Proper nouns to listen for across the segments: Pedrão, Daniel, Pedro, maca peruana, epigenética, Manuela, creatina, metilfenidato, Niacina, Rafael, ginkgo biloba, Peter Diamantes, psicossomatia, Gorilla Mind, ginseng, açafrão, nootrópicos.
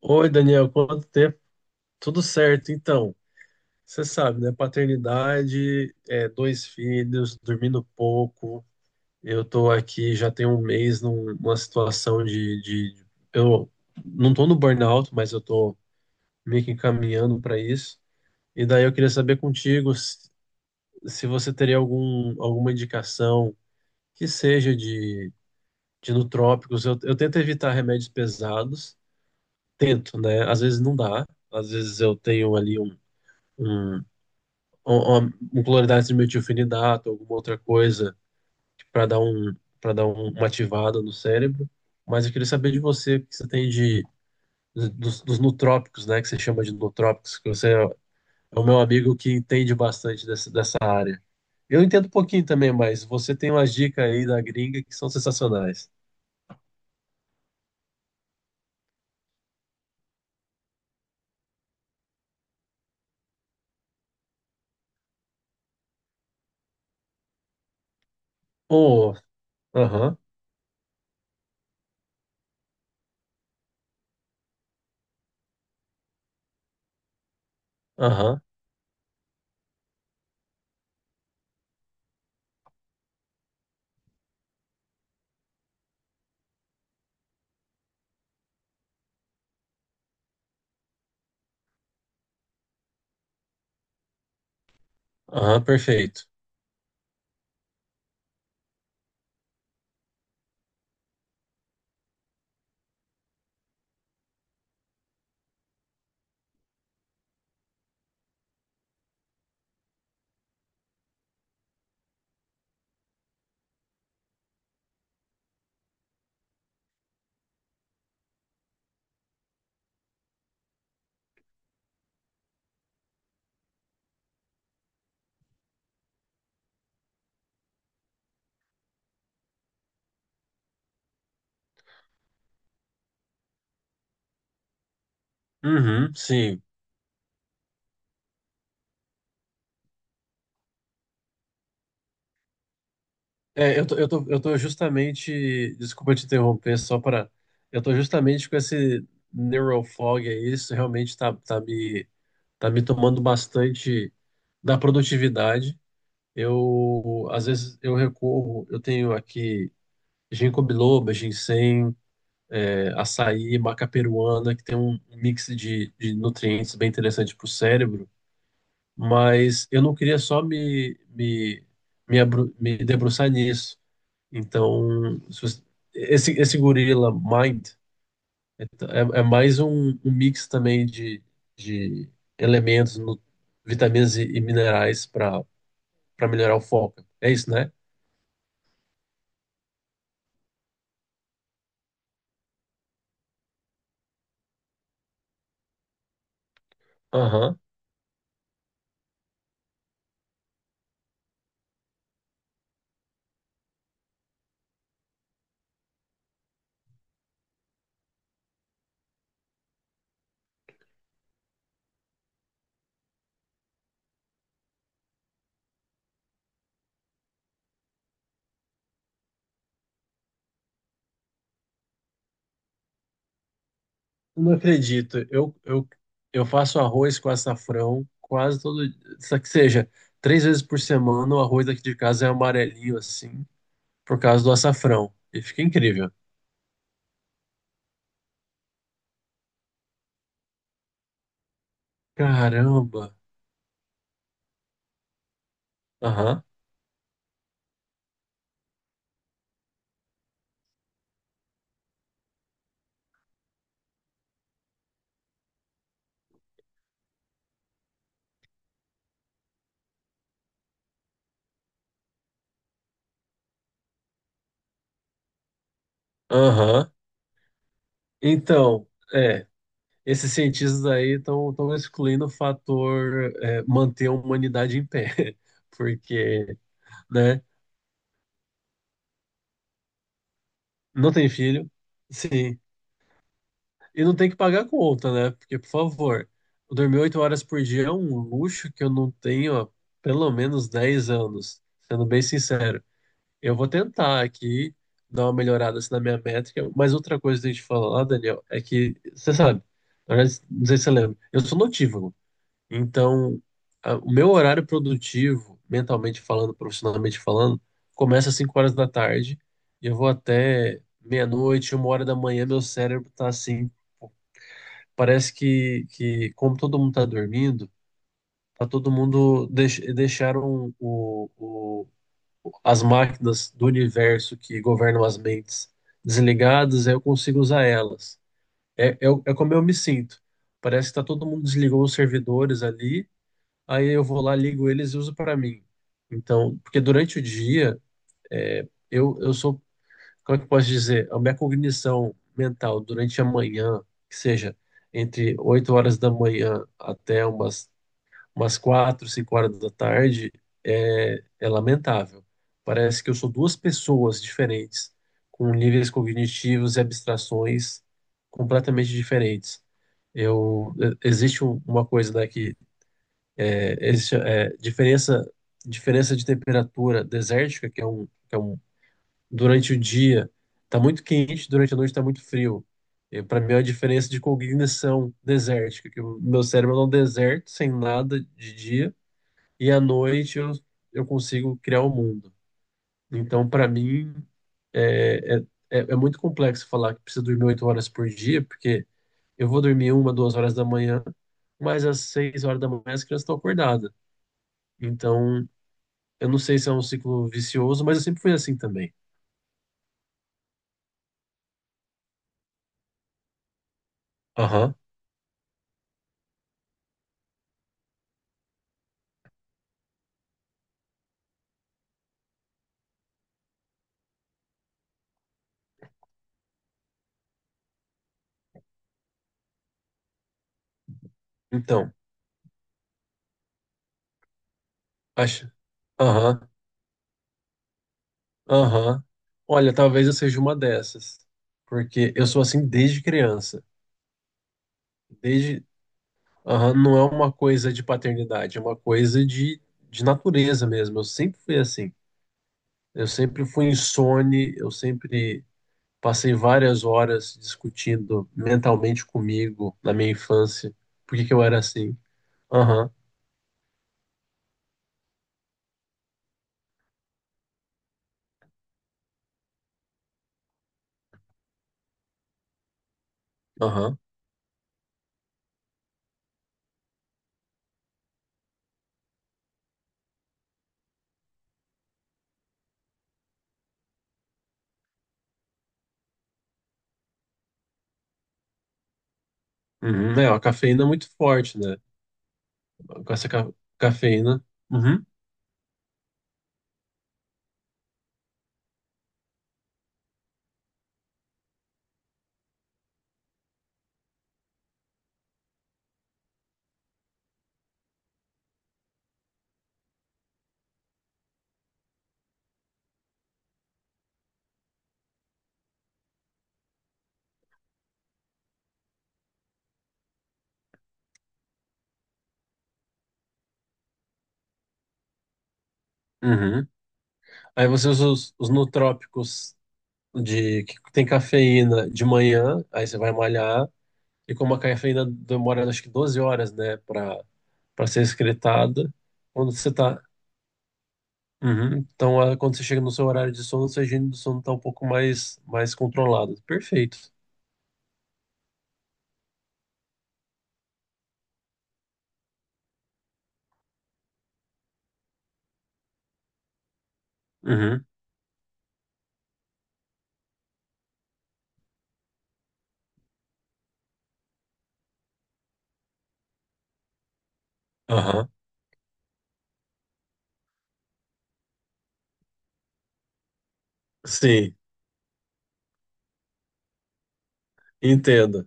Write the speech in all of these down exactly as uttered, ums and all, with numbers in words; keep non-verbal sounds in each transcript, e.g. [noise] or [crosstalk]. Oi, Daniel, quanto tempo? Tudo certo, então. Você sabe, né? Paternidade, é, dois filhos, dormindo pouco. Eu tô aqui já tem um mês num- numa situação de, de- Eu não tô no burnout, mas eu tô meio que encaminhando para isso. E daí eu queria saber contigo se, se você teria algum, alguma indicação que seja de, de nootrópicos. Eu, eu tento evitar remédios pesados, tento, né? Às vezes não dá, às vezes eu tenho ali um um uma, uma polaridade de metilfenidato, alguma outra coisa para dar um para dar um- uma ativada no cérebro. Mas eu queria saber de você o que você tem de dos, dos nootrópicos, né, que você chama de nootrópicos, que você é é o meu amigo que entende bastante dessa, dessa área. Eu entendo um pouquinho também, mas você tem umas dicas aí da gringa que são sensacionais. Oh, aham, aham, aham, perfeito. Uhum, sim. É, eu tô, eu tô, eu tô justamente. Desculpa te interromper, só para. Eu tô justamente com esse neural fog aí, isso realmente tá, tá me, tá me tomando bastante da produtividade. Eu, às vezes, eu recorro, eu tenho aqui ginkgo biloba, ginseng, é, açaí, maca peruana, que tem um um mix de, de nutrientes bem interessante para o cérebro, mas eu não queria só me, me, me, abru- me debruçar nisso. Então, se você- esse, esse gorila Mind é, é é mais um, um mix também de, de elementos, nu- vitaminas e, e minerais para para melhorar o foco. É isso, né? Aham. Eu não acredito. Eu, eu, eu faço arroz com açafrão quase todo dia. Só que seja, três vezes por semana o arroz aqui de casa é amarelinho assim, por causa do açafrão. E fica incrível. Caramba. Aham. Aham. Então, é. Esses cientistas aí estão excluindo o fator é, manter a humanidade em pé, [laughs] porque, né, não tem filho, sim, e não tem que pagar a conta, né? Porque, por favor, dormir oito horas por dia é um luxo que eu não tenho há pelo menos dez anos, sendo bem sincero. Eu vou tentar aqui dar uma melhorada assim, na minha métrica, mas outra coisa que eu tenho que falar, Daniel, é que, você sabe, na verdade, não sei se você lembra, eu sou notívago. Então, a- o meu horário produtivo, mentalmente falando, profissionalmente falando, começa às cinco horas da tarde e eu vou até meia-noite, uma hora da manhã, meu cérebro tá assim, parece que, que como todo mundo tá dormindo, tá todo mundo deix, deixaram o, o, as máquinas do universo que governam as mentes desligadas, aí eu consigo usar elas. É, é, o- é como eu me sinto. Parece que tá todo mundo desligou os servidores ali aí eu vou lá, ligo eles e uso para mim. Então, porque durante o dia, é, eu, eu sou, como é que eu posso dizer, a minha cognição mental durante a manhã, que seja entre oito horas da manhã até umas, umas quatro cinco horas da tarde, é, é lamentável. Parece que eu sou duas pessoas diferentes, com níveis cognitivos e abstrações completamente diferentes. Eu, existe um- uma coisa, né, que eles, cha- é, diferença, diferença de temperatura desértica, que é um, que é um durante o dia está muito quente, durante a noite está muito frio. Para mim é a diferença de cognição desértica, que o meu cérebro é um deserto sem nada de dia e à noite eu, eu, consigo criar o mundo. Então, para mim, é, é, é é muito complexo falar que precisa dormir oito horas por dia, porque eu vou dormir uma, duas horas da manhã, mas às seis horas da manhã as crianças estão acordadas. Então, eu não sei se é um ciclo vicioso, mas eu sempre fui assim também. Aham. Então, acho. Aham, aham. Olha, talvez eu seja uma dessas. Porque eu sou assim desde criança. Desde. Aham, não é uma coisa de paternidade, é uma coisa de, de natureza mesmo. Eu sempre fui assim. Eu sempre fui insone, eu sempre passei várias horas discutindo mentalmente comigo na minha infância. Por que que eu era assim? Aham, aham. Uhum. É, a cafeína é muito forte, né? Com essa ca- cafeína. Uhum. Uhum. Aí você usa os, os nootrópicos de, que tem cafeína de manhã, aí você vai malhar, e como a cafeína demora acho que doze horas, né, para para ser excretada, quando você tá. Uhum. Então, ah, quando você chega no seu horário de sono, sua higiene do sono tá um pouco mais, mais controlada. Perfeito. Uhum. Aham. Sim, entendo.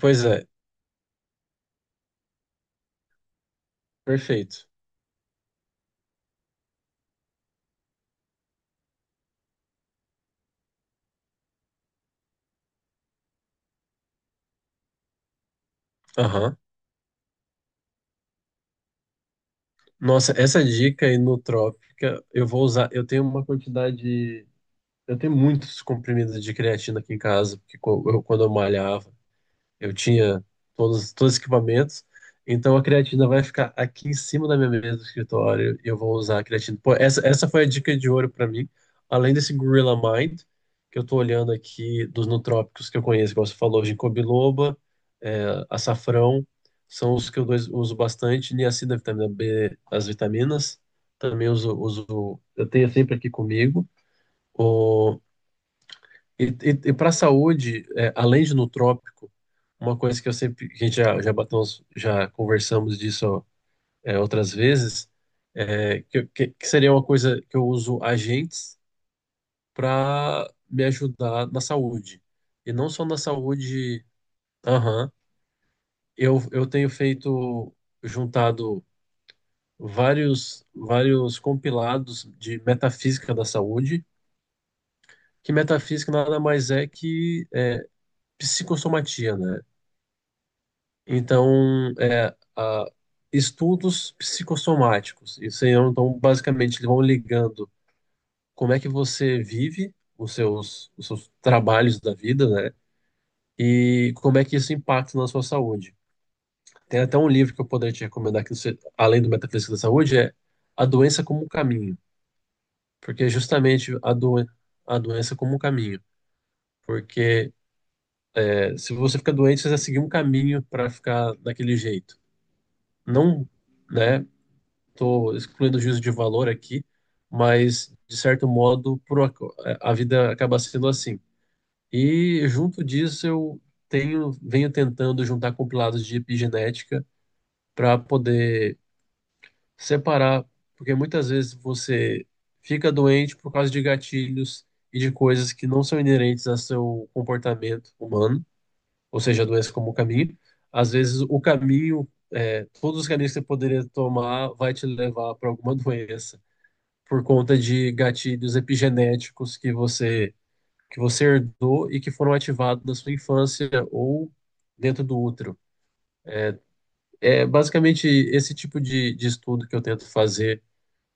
Pois é, perfeito. Aham. Nossa, essa dica aí inotrópica, eu vou usar. Eu tenho uma quantidade. Eu tenho muitos comprimidos de creatina aqui em casa, porque co- eu- quando eu malhava. Eu tinha todos, todos os equipamentos. Então a creatina vai ficar aqui em cima da minha mesa do escritório e eu vou usar a creatina. Pô, essa, essa foi a dica de ouro para mim. Além desse Gorilla Mind, que eu tô olhando aqui dos nootrópicos que eu conheço, igual você falou, ginkgo biloba, é, açafrão, são os que eu dois- uso bastante. Niacina, vitamina B, as vitaminas. Também uso, uso, eu tenho sempre aqui comigo. E, e, e para a saúde, é, além de nutrópico, uma coisa que eu sempre, que a gente já, já batemos, já conversamos disso é, outras vezes, é, que, que, que seria uma coisa que eu uso agentes para me ajudar na saúde. E não só na saúde, aham, eu, eu tenho feito, juntado vários, vários compilados de metafísica da saúde, que metafísica nada mais é que é, psicossomatia, né? Então, é, a- estudos psicossomáticos. Isso aí, então, basicamente, eles vão ligando como é que você vive os seus, os seus trabalhos da vida, né? E como é que isso impacta na sua saúde. Tem até um livro que eu poderia te recomendar, que você, além do Metafísica da Saúde, é A Doença como um Caminho. Porque é justamente a, doen a doença como um caminho. Porque é, se você fica doente, você vai seguir um caminho para ficar daquele jeito. Não, né? Estou excluindo o juízo de valor aqui, mas, de certo modo, por ac- a vida acaba sendo assim. E, junto disso, eu tenho, venho tentando juntar compilados de epigenética para poder separar, porque muitas vezes você fica doente por causa de gatilhos e de coisas que não são inerentes ao seu comportamento humano, ou seja, a doença como caminho. Às vezes, o caminho, é, todos os caminhos que você poderia tomar vai te levar para alguma [laughs] doença por conta de gatilhos epigenéticos que você que você herdou e que foram ativados na sua infância ou dentro do útero. É basicamente esse tipo de, de estudo que eu tento fazer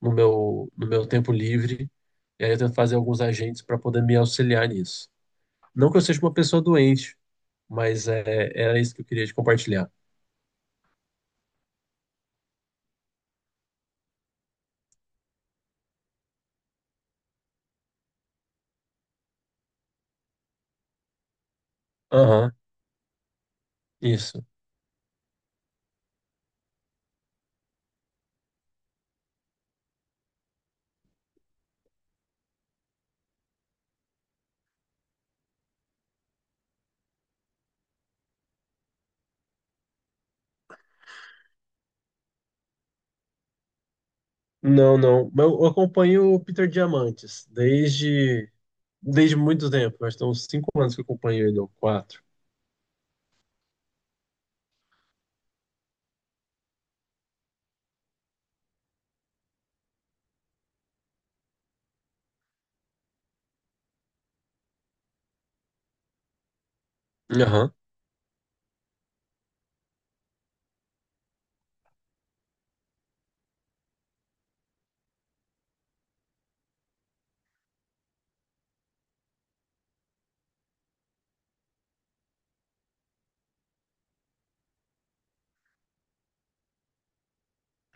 no meu, no meu tempo livre. E aí eu tento fazer alguns agentes para poder me auxiliar nisso. Não que eu seja uma pessoa doente, mas é, era isso que eu queria te compartilhar. Aham, isso. Não, não. Mas eu acompanho o Peter Diamantes desde. Desde muito tempo, acho que tem uns cinco anos que eu acompanho ele, ou quatro. Aham,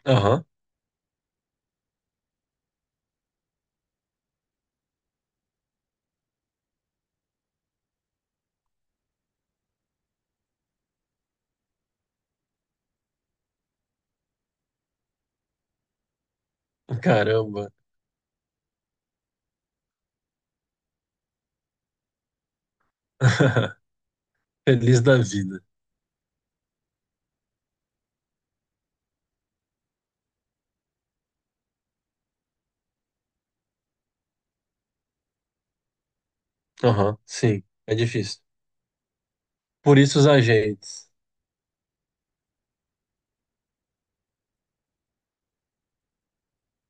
aham. Caramba. [laughs] Feliz da vida. Aham, sim, é difícil. Por isso os agentes.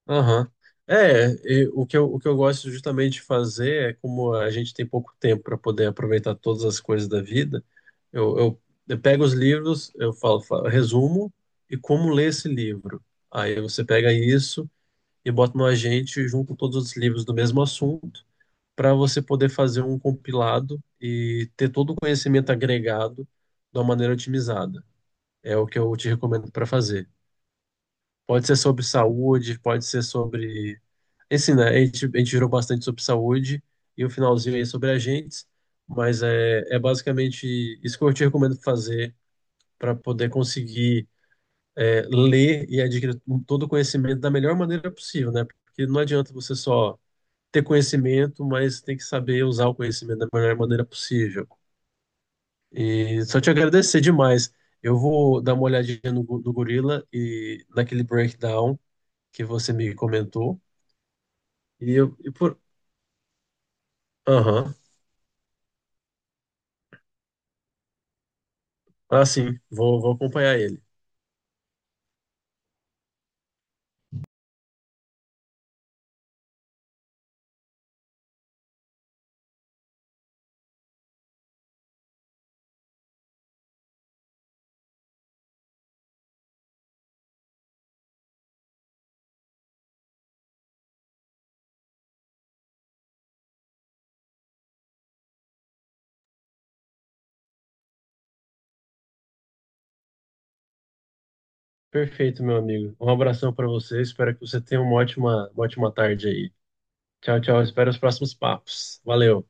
Aham. É, e o que eu, o que eu gosto justamente de fazer é como a gente tem pouco tempo para poder aproveitar todas as coisas da vida, eu, eu, eu pego os livros, eu falo, falo, resumo e como ler esse livro. Aí você pega isso e bota no agente junto com todos os livros do mesmo assunto, para você poder fazer um compilado e ter todo o conhecimento agregado de uma maneira otimizada. É o que eu te recomendo para fazer. Pode ser sobre saúde, pode ser sobre. Assim, né? A gente, a gente virou bastante sobre saúde e o finalzinho aí sobre agentes, mas é, é basicamente isso que eu te recomendo fazer para poder conseguir é, ler e adquirir todo o conhecimento da melhor maneira possível, né? Porque não adianta você só ter conhecimento, mas tem que saber usar o conhecimento da melhor maneira possível. E só te agradecer demais. Eu vou dar uma olhadinha no, Go- no Gorila e naquele breakdown que você me comentou. E eu e por. Aham. Ah, sim, vou, vou acompanhar ele. Perfeito, meu amigo. Um abração para você. Espero que você tenha uma ótima, uma ótima tarde aí. Tchau, tchau. Espero os próximos papos. Valeu.